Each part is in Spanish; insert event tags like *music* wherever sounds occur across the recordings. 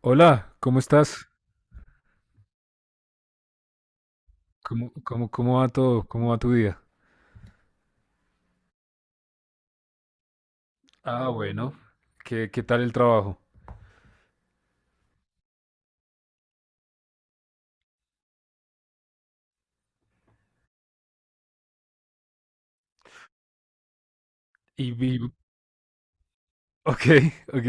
Hola, ¿cómo estás? ¿Cómo va todo? ¿Cómo va tu día? Ah, bueno. ¿Qué tal el trabajo? Y vivo. Ok, *laughs* ok.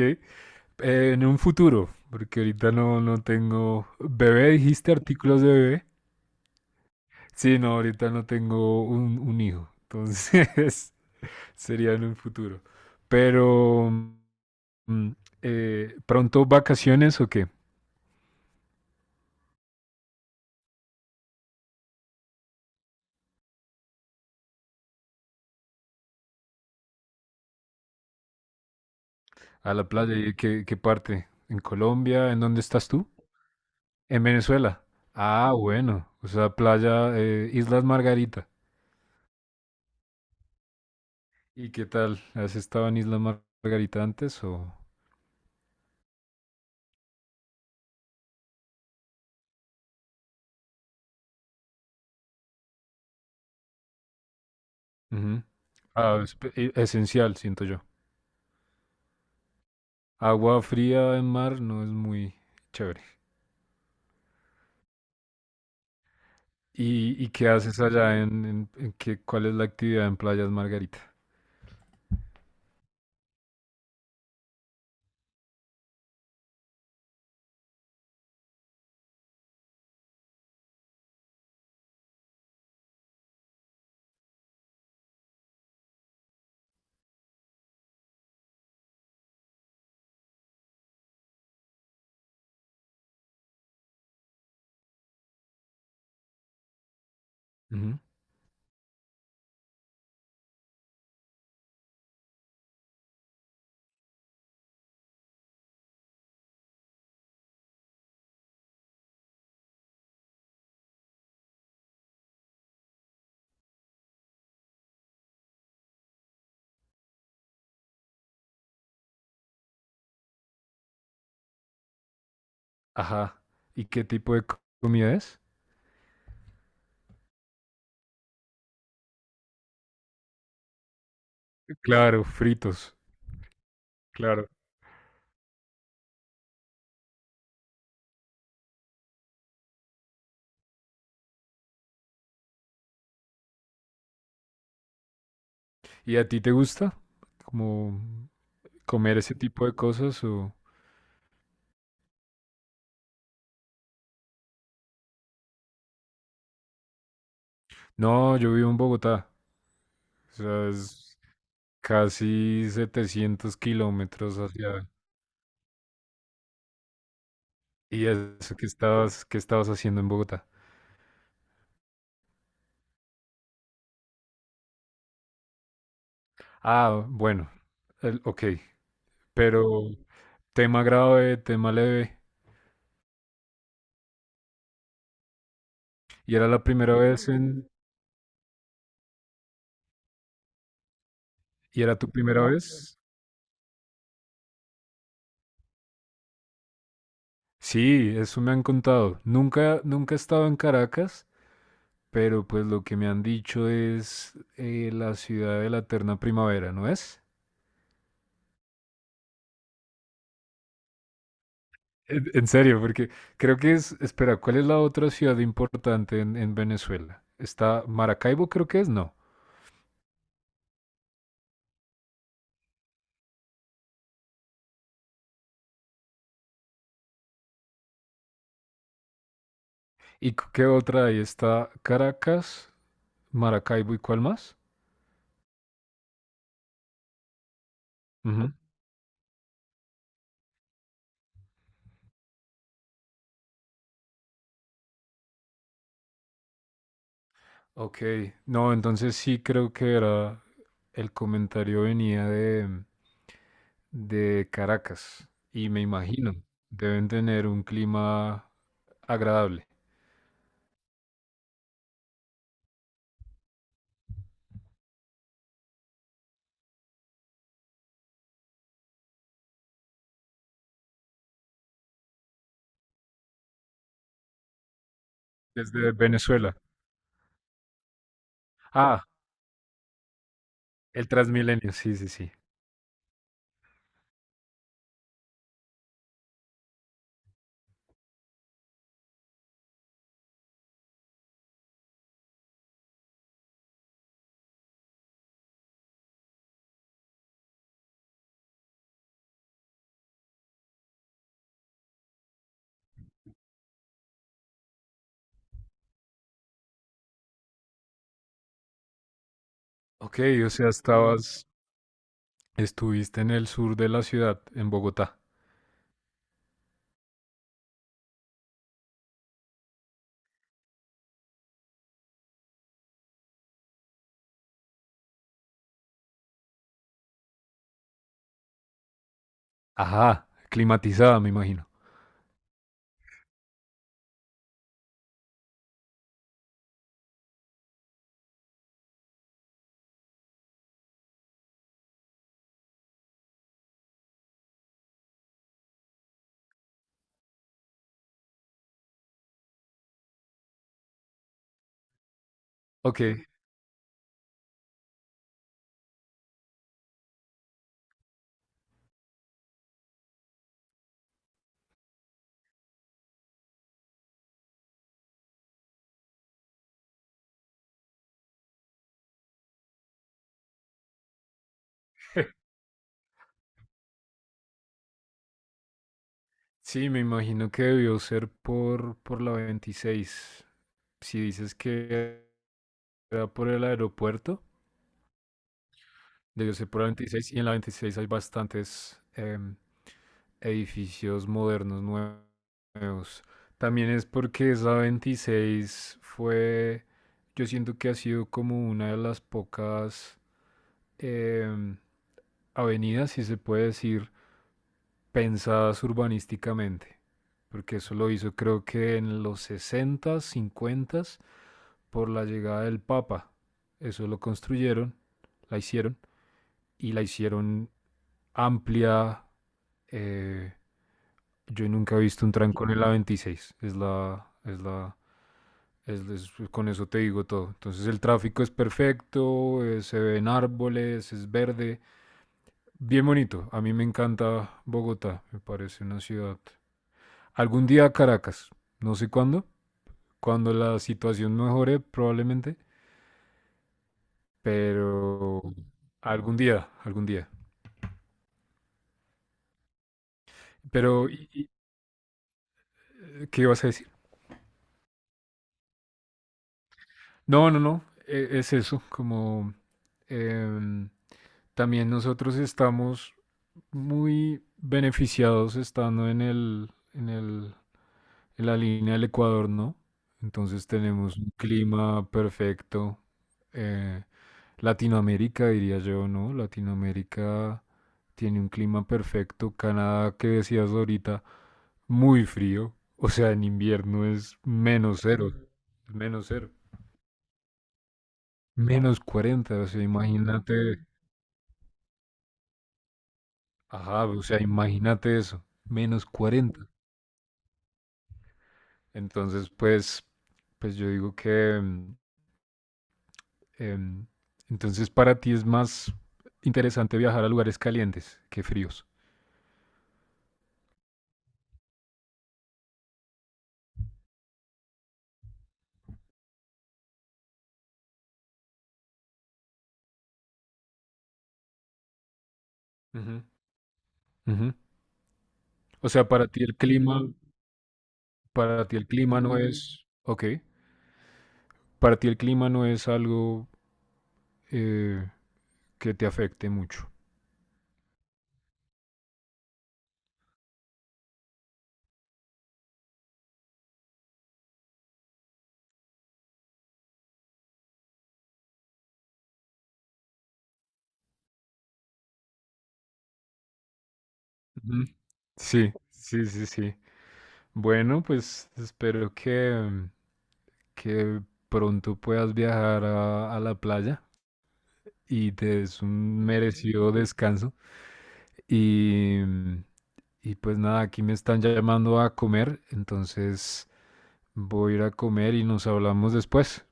En un futuro, porque ahorita no, no tengo... ¿Bebé dijiste artículos de bebé? Sí, no, ahorita no tengo un hijo, entonces *laughs* sería en un futuro. Pero, mm, ¿pronto vacaciones o qué? A la playa, ¿y qué parte? ¿En Colombia? ¿En dónde estás tú? En Venezuela. Ah, bueno. O sea, playa, Islas Margarita. ¿Y qué tal? ¿Has estado en Margarita antes o...? Ujú. Ah, esencial, siento yo. Agua fría en mar no es muy chévere. ¿Y qué haces allá en qué, cuál es la actividad en Playas Margarita? Ujú. Ajá. ¿Y qué tipo de comida es? Claro, fritos. Claro. ¿Y a ti te gusta como comer ese tipo de cosas o...? No, yo vivo en Bogotá. O sea, es casi 700 kilómetros hacia... ¿Y eso que estabas haciendo en Bogotá? Ah, bueno, ok, pero tema grave, tema leve. ¿Y era la primera vez en... ¿Y era tu primera vez? Sí, eso me han contado. Nunca, nunca he estado en Caracas, pero pues lo que me han dicho es la ciudad de la eterna primavera, ¿no es? En serio, porque creo que es, espera, ¿cuál es la otra ciudad importante en Venezuela? Está Maracaibo, creo que es, no. ¿Y qué otra hay? Está Caracas, Maracaibo y ¿cuál más? Ujú. Ok, no, entonces sí creo que era, el comentario venía de Caracas y me imagino, deben tener un clima agradable desde Venezuela. Ah, el Transmilenio, sí, sí, sí. Ok, o sea, estabas, estuviste en el sur de la ciudad, en Bogotá. Ajá, climatizada, me imagino. Ok, sí, me imagino que debió ser por la 26. Si dices que era por el aeropuerto, debió ser por la 26 y en la 26 hay bastantes edificios modernos nuevos. También es porque esa 26 fue, yo siento que ha sido como una de las pocas... em, avenida, si se puede decir, pensadas urbanísticamente, porque eso lo hizo creo que en los 60, 50, por la llegada del Papa. Eso lo construyeron, la hicieron, y la hicieron amplia. eh, yo nunca he visto un trancón en la 26, es la, es la, es- con eso te digo todo. Entonces el tráfico es perfecto, se ven árboles, es verde, bien bonito. A mí me encanta Bogotá. Me parece una ciudad. Algún día Caracas. No sé cuándo. Cuando la situación mejore, probablemente. Pero algún día, algún día. Pero, ¿qué ibas a decir? No, no, no. Es eso. Como em, también nosotros estamos muy beneficiados estando en la línea del Ecuador, ¿no? Entonces tenemos un clima perfecto. eh, Latinoamérica, diría yo, ¿no? Latinoamérica tiene un clima perfecto. Canadá, que decías ahorita, muy frío. O sea, en invierno es menos cero. Menos cero. -40. O sea, imagínate. Ajá, o sea, imagínate eso. -40. Entonces, pues yo digo que, Em, entonces, para ti es más interesante viajar a lugares calientes que fríos. Ujú, ujú. O sea, para ti el clima no es, ok, para ti el clima no es algo eh, que te afecte mucho. Ujú. Sí, sí, sí, sí. Bueno, pues espero que, pronto puedas viajar a la playa y te des un merecido descanso. Y, Y pues nada, aquí me están llamando a comer, entonces voy a ir a comer y nos hablamos después.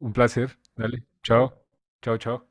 Un placer. Dale. Chao. Chao, chao.